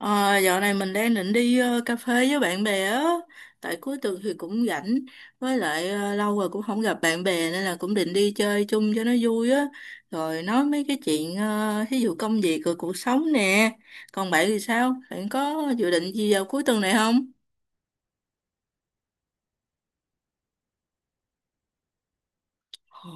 Ờ, dạo này mình đang định đi cà phê với bạn bè á. Tại cuối tuần thì cũng rảnh. Với lại lâu rồi cũng không gặp bạn bè, nên là cũng định đi chơi chung cho nó vui á. Rồi nói mấy cái chuyện thí dụ công việc rồi cuộc sống nè. Còn bạn thì sao? Bạn có dự định gì vào cuối tuần này không? Ồ.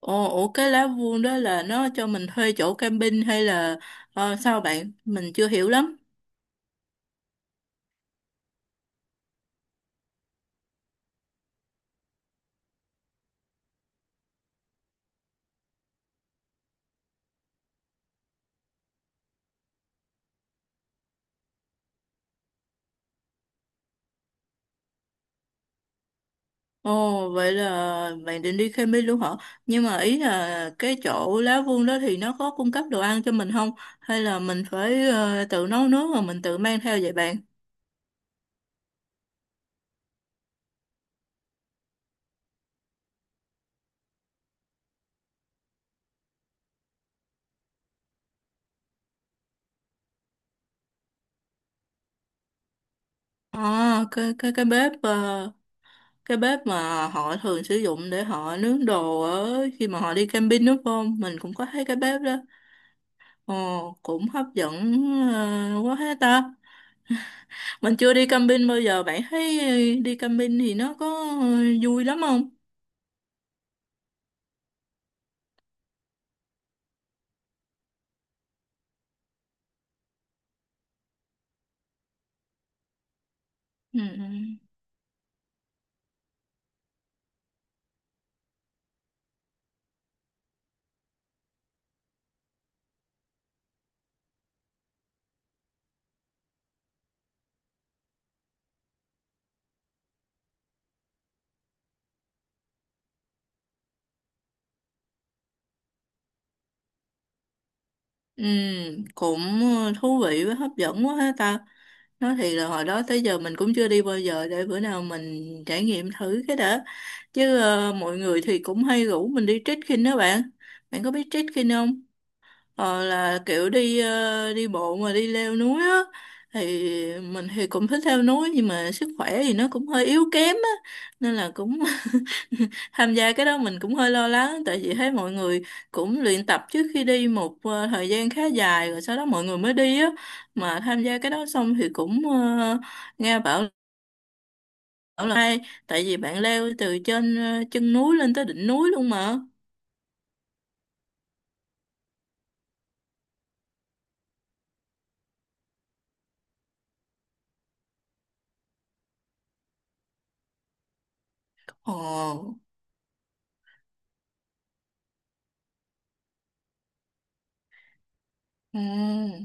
Ồ, ủa cái lá vuông đó là nó cho mình thuê chỗ camping hay là sao bạn? Mình chưa hiểu lắm. Ồ, vậy là bạn định đi camping luôn hả? Nhưng mà ý là cái chỗ Lá Vương đó thì nó có cung cấp đồ ăn cho mình không? Hay là mình phải tự nấu nướng mà mình tự mang theo vậy bạn? À, cái bếp mà họ thường sử dụng để họ nướng đồ ở khi mà họ đi camping đúng không? Mình cũng có thấy cái bếp đó. Ồ, cũng hấp dẫn quá ha ta. Mình chưa đi camping bao giờ. Bạn thấy đi camping thì nó có ờ, vui lắm không? Ừ. Ừ. Ừ, cũng thú vị với hấp dẫn quá ha ta. Nói thiệt là hồi đó tới giờ mình cũng chưa đi bao giờ để bữa nào mình trải nghiệm thử cái đã. Chứ mọi người thì cũng hay rủ mình đi trekking đó bạn. Bạn có biết trekking không? Là kiểu đi đi bộ mà đi leo núi á. Thì mình thì cũng thích leo núi nhưng mà sức khỏe thì nó cũng hơi yếu kém á. Nên là cũng tham gia cái đó mình cũng hơi lo lắng tại vì thấy mọi người cũng luyện tập trước khi đi một thời gian khá dài rồi sau đó mọi người mới đi á, mà tham gia cái đó xong thì cũng nghe bảo là hay tại vì bạn leo từ trên chân núi lên tới đỉnh núi luôn mà. Ồ. Ừ.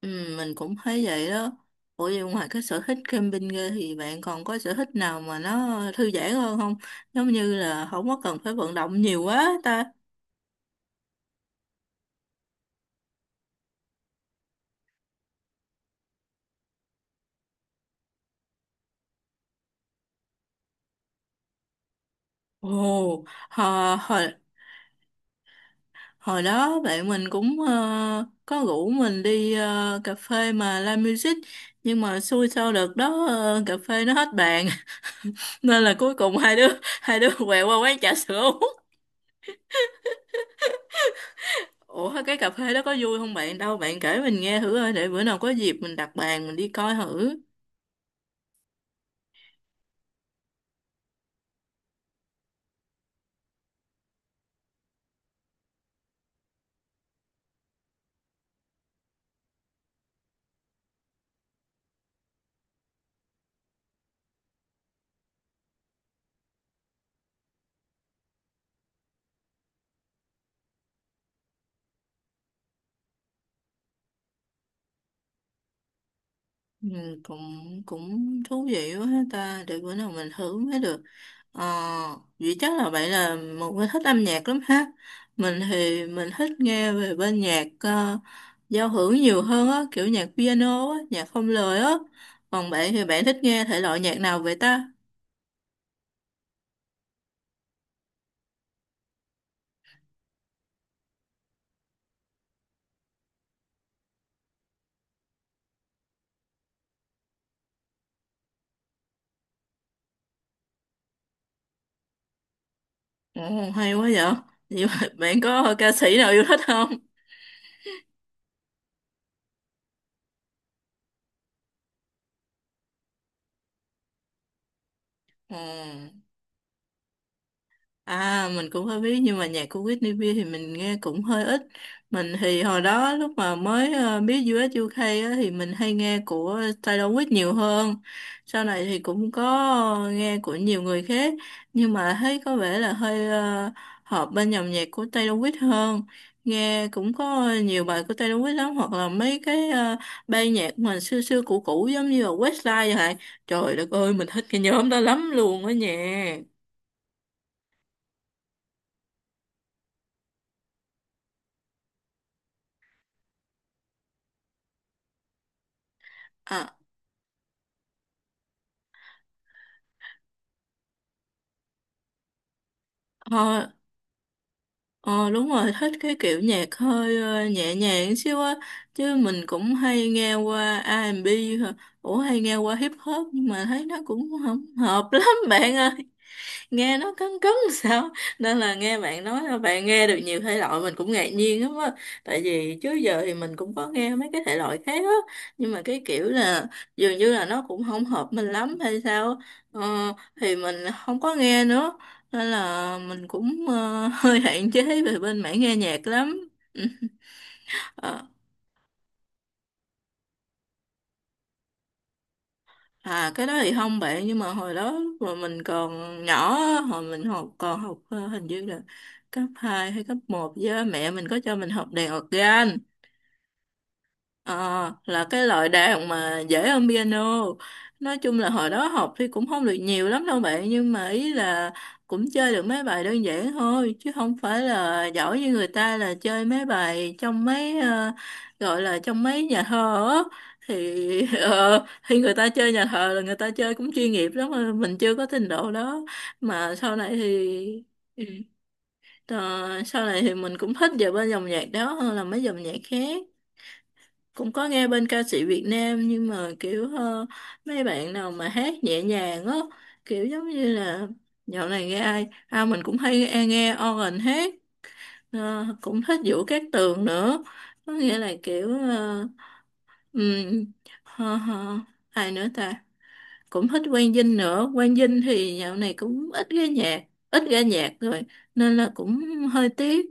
Ừ, mình cũng thấy vậy đó. Ủa vậy ngoài cái sở thích camping ra thì bạn còn có sở thích nào mà nó thư giãn hơn không? Giống như là không có cần phải vận động nhiều quá ta. Ồ, hồi, hồi, Hồi đó bạn mình cũng có rủ mình đi cà phê mà live music, nhưng mà xui sao đợt đó cà phê nó hết bàn, nên là cuối cùng hai đứa hai đứa quẹo qua quán trà sữa uống. Ủa cái cà phê đó có vui không bạn? Đâu bạn kể mình nghe thử ơi để bữa nào có dịp mình đặt bàn mình đi coi thử. Ừ, cũng cũng thú vị quá ha ta, để bữa nào mình thử mới được. Ờ, vậy chắc là vậy là một người thích âm nhạc lắm ha. Mình thì mình thích nghe về bên nhạc giao hưởng nhiều hơn á, kiểu nhạc piano á, nhạc không lời á. Còn bạn thì bạn thích nghe thể loại nhạc nào vậy ta? Ồ, hay quá vậy. Vậy mà bạn có ca sĩ nào yêu thích không? Ừ. À mình cũng hơi biết nhưng mà nhạc của Whitney Bieber thì mình nghe cũng hơi ít. Mình thì hồi đó lúc mà mới biết US UK á, thì mình hay nghe của Taylor Swift nhiều hơn. Sau này thì cũng có nghe của nhiều người khác nhưng mà thấy có vẻ là hơi hợp bên dòng nhạc của Taylor Swift hơn. Nghe cũng có nhiều bài của Taylor Swift lắm hoặc là mấy cái ban nhạc mà xưa xưa cũ cũ giống như là Westlife vậy. Trời đất ơi mình thích cái nhóm đó lắm luôn á nha. À, thôi. Ờ đúng rồi, thích cái kiểu nhạc hơi nhẹ nhàng xíu á. Chứ mình cũng hay nghe qua R&B, hả? Ủa hay nghe qua hip hop, nhưng mà thấy nó cũng không hợp lắm bạn ơi, nghe nó cấn cấn sao, nên là nghe bạn nói là bạn nghe được nhiều thể loại mình cũng ngạc nhiên lắm á. Tại vì trước giờ thì mình cũng có nghe mấy cái thể loại khác á, nhưng mà cái kiểu là dường như là nó cũng không hợp mình lắm hay sao á. ờ, thì mình không có nghe nữa nên là mình cũng hơi hạn chế về bên mảng nghe nhạc lắm. Ừ. Ờ, À, cái đó thì không bạn, nhưng mà hồi đó lúc mà mình còn nhỏ á, hồi mình học còn học hình như là cấp 2 hay cấp một với mẹ mình có cho mình học đàn organ. Ờ, là cái loại đàn mà dễ hơn piano. Nói chung là hồi đó học thì cũng không được nhiều lắm đâu bạn, nhưng mà ý là cũng chơi được mấy bài đơn giản thôi, chứ không phải là giỏi như người ta là chơi mấy bài trong mấy gọi là trong mấy nhà thờ á. Thì ờ, thì người ta chơi nhà thờ là người ta chơi cũng chuyên nghiệp lắm, mà mình chưa có trình độ đó. Mà sau này thì ừ, mình cũng thích về bên dòng nhạc đó hơn là mấy dòng nhạc khác. Cũng có nghe bên ca sĩ Việt Nam, nhưng mà kiểu mấy bạn nào mà hát nhẹ nhàng á, kiểu giống như là dạo này nghe ai à, mình cũng hay nghe Oren hát, cũng thích Vũ Cát Tường nữa, có nghĩa là kiểu um, hờ, hờ, ai nữa ta, cũng thích Quang Dinh nữa. Quang Dinh thì dạo này cũng ít ra nhạc, ít ra nhạc rồi, nên là cũng hơi tiếc.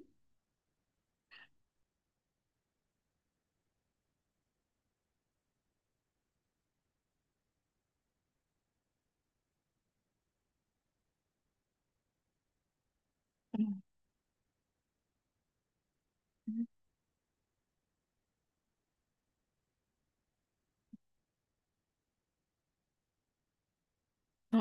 Ờ,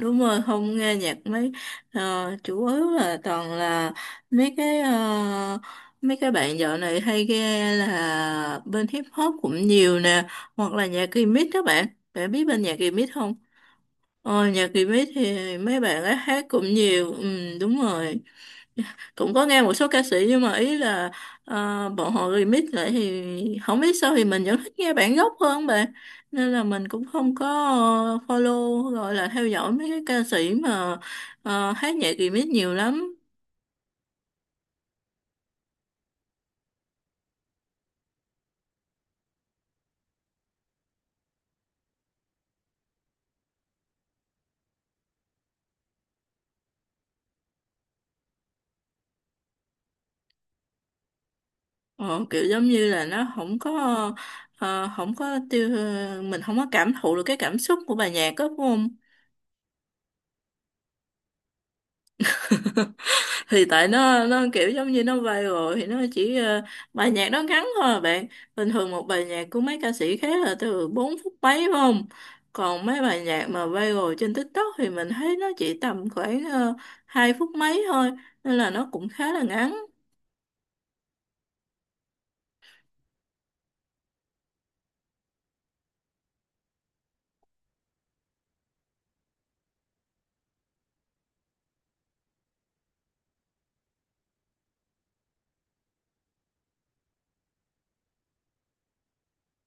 đúng rồi, không nghe nhạc mấy, ờ, chủ yếu là toàn là mấy cái ờ, mấy cái bạn dạo này hay nghe là bên hip hop cũng nhiều nè, hoặc là nhạc remix đó bạn. Bạn biết bên nhạc remix không? Nhạc remix thì mấy bạn ấy hát cũng nhiều, ừ, đúng rồi. Cũng có nghe một số ca sĩ nhưng mà ý là bọn họ remix lại thì không biết sao, thì mình vẫn thích nghe bản gốc hơn bạn, nên là mình cũng không có follow, gọi là theo dõi mấy cái ca sĩ mà hát nhạc remix nhiều lắm. Ờ, kiểu giống như là nó không có không có tiêu mình không có cảm thụ được cái cảm xúc của bài nhạc đó đúng không? Thì tại nó kiểu giống như nó viral thì nó chỉ bài nhạc nó ngắn thôi à bạn. Bình thường một bài nhạc của mấy ca sĩ khác là từ 4 phút mấy phải không? Còn mấy bài nhạc mà viral trên TikTok thì mình thấy nó chỉ tầm khoảng uh, 2 phút mấy thôi, nên là nó cũng khá là ngắn.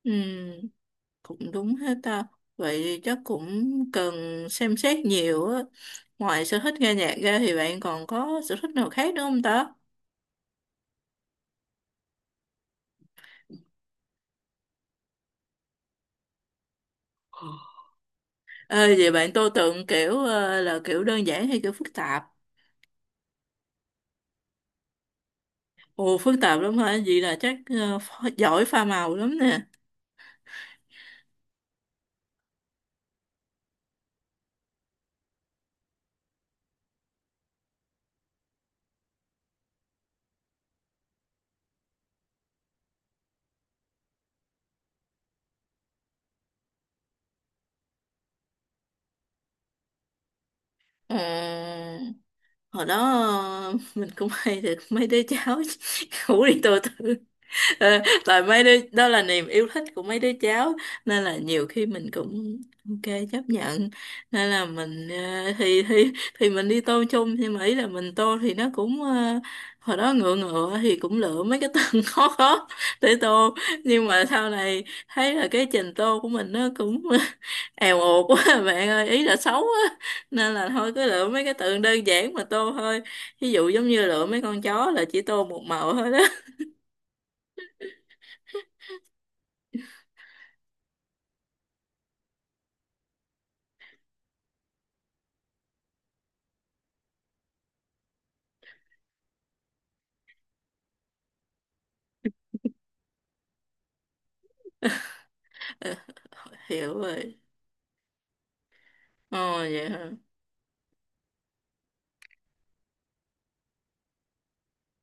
Ừ, cũng đúng hết ta. Vậy chắc cũng cần xem xét nhiều á. Ngoài sở thích nghe nhạc ra thì bạn còn có sở thích nào khác nữa không ta? Ê, vậy bạn tô tượng kiểu là kiểu đơn giản hay kiểu phức tạp? Ồ, phức tạp lắm hả? Vậy là chắc giỏi pha màu lắm nè. Ờ, hồi đó mình cũng hay được mấy đứa cháu ngủ đi tô tượng. Tại mấy đứa đó là niềm yêu thích của mấy đứa cháu, nên là nhiều khi mình cũng ok chấp nhận, nên là mình thì mình đi tô chung, nhưng mà ý là mình tô thì nó cũng hồi đó ngựa ngựa thì cũng lựa mấy cái từ khó khó để tô, nhưng mà sau này thấy là cái trình tô của mình nó cũng èo uột quá bạn ơi, ý là xấu á, nên là thôi cứ lựa mấy cái từ đơn giản mà tô thôi, ví dụ giống như lựa mấy con chó là chỉ tô một màu thôi đó Ừ, hiểu rồi. Ờ vậy hả?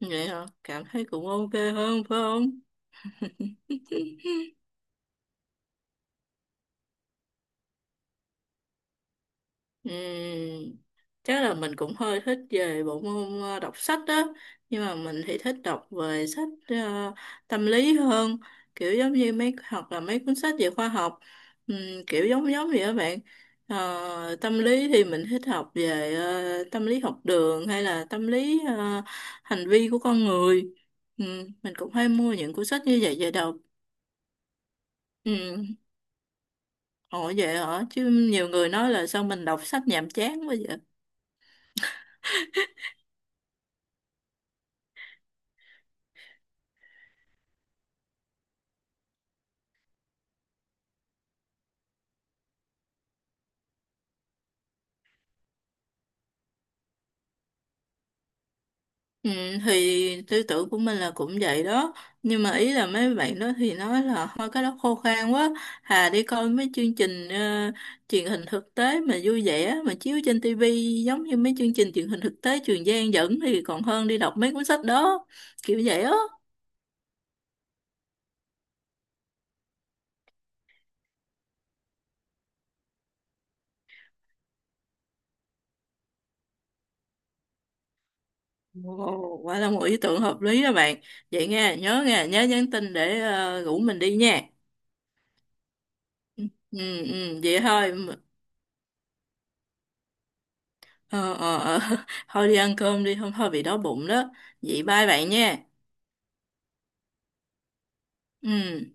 Vậy hả? Cảm thấy cũng ok hơn phải không? Ừm, chắc là mình cũng hơi thích về bộ môn đọc sách đó. Nhưng mà mình thì thích đọc về sách tâm lý hơn. Kiểu giống như mấy hoặc là mấy cuốn sách về khoa học. Ừm, kiểu giống giống vậy các bạn. Tâm lý thì mình thích học về tâm lý học đường hay là tâm lý hành vi của con người. Ừm, mình cũng hay mua những cuốn sách như vậy về đọc. Ừ. Ồ vậy hả? Chứ nhiều người nói là sao mình đọc sách nhàm chán quá vậy? Ừ, thì tư tưởng của mình là cũng vậy đó. Nhưng mà ý là mấy bạn đó thì nói là thôi cái đó khô khan quá. Hà đi coi mấy chương trình truyền hình thực tế mà vui vẻ mà chiếu trên tivi giống như mấy chương trình truyền hình thực tế Trường Giang dẫn thì còn hơn đi đọc mấy cuốn sách đó. Kiểu vậy á. Ồ, quả là một ý tưởng hợp lý đó bạn. Vậy nghe, nhớ nhắn tin để rủ mình đi nha. Ừ, ừ, vậy thôi. Ờ, ờ, ờ. Thôi đi ăn cơm đi, hôm thôi bị đói bụng đó. Vậy bye bạn nha. Ừ.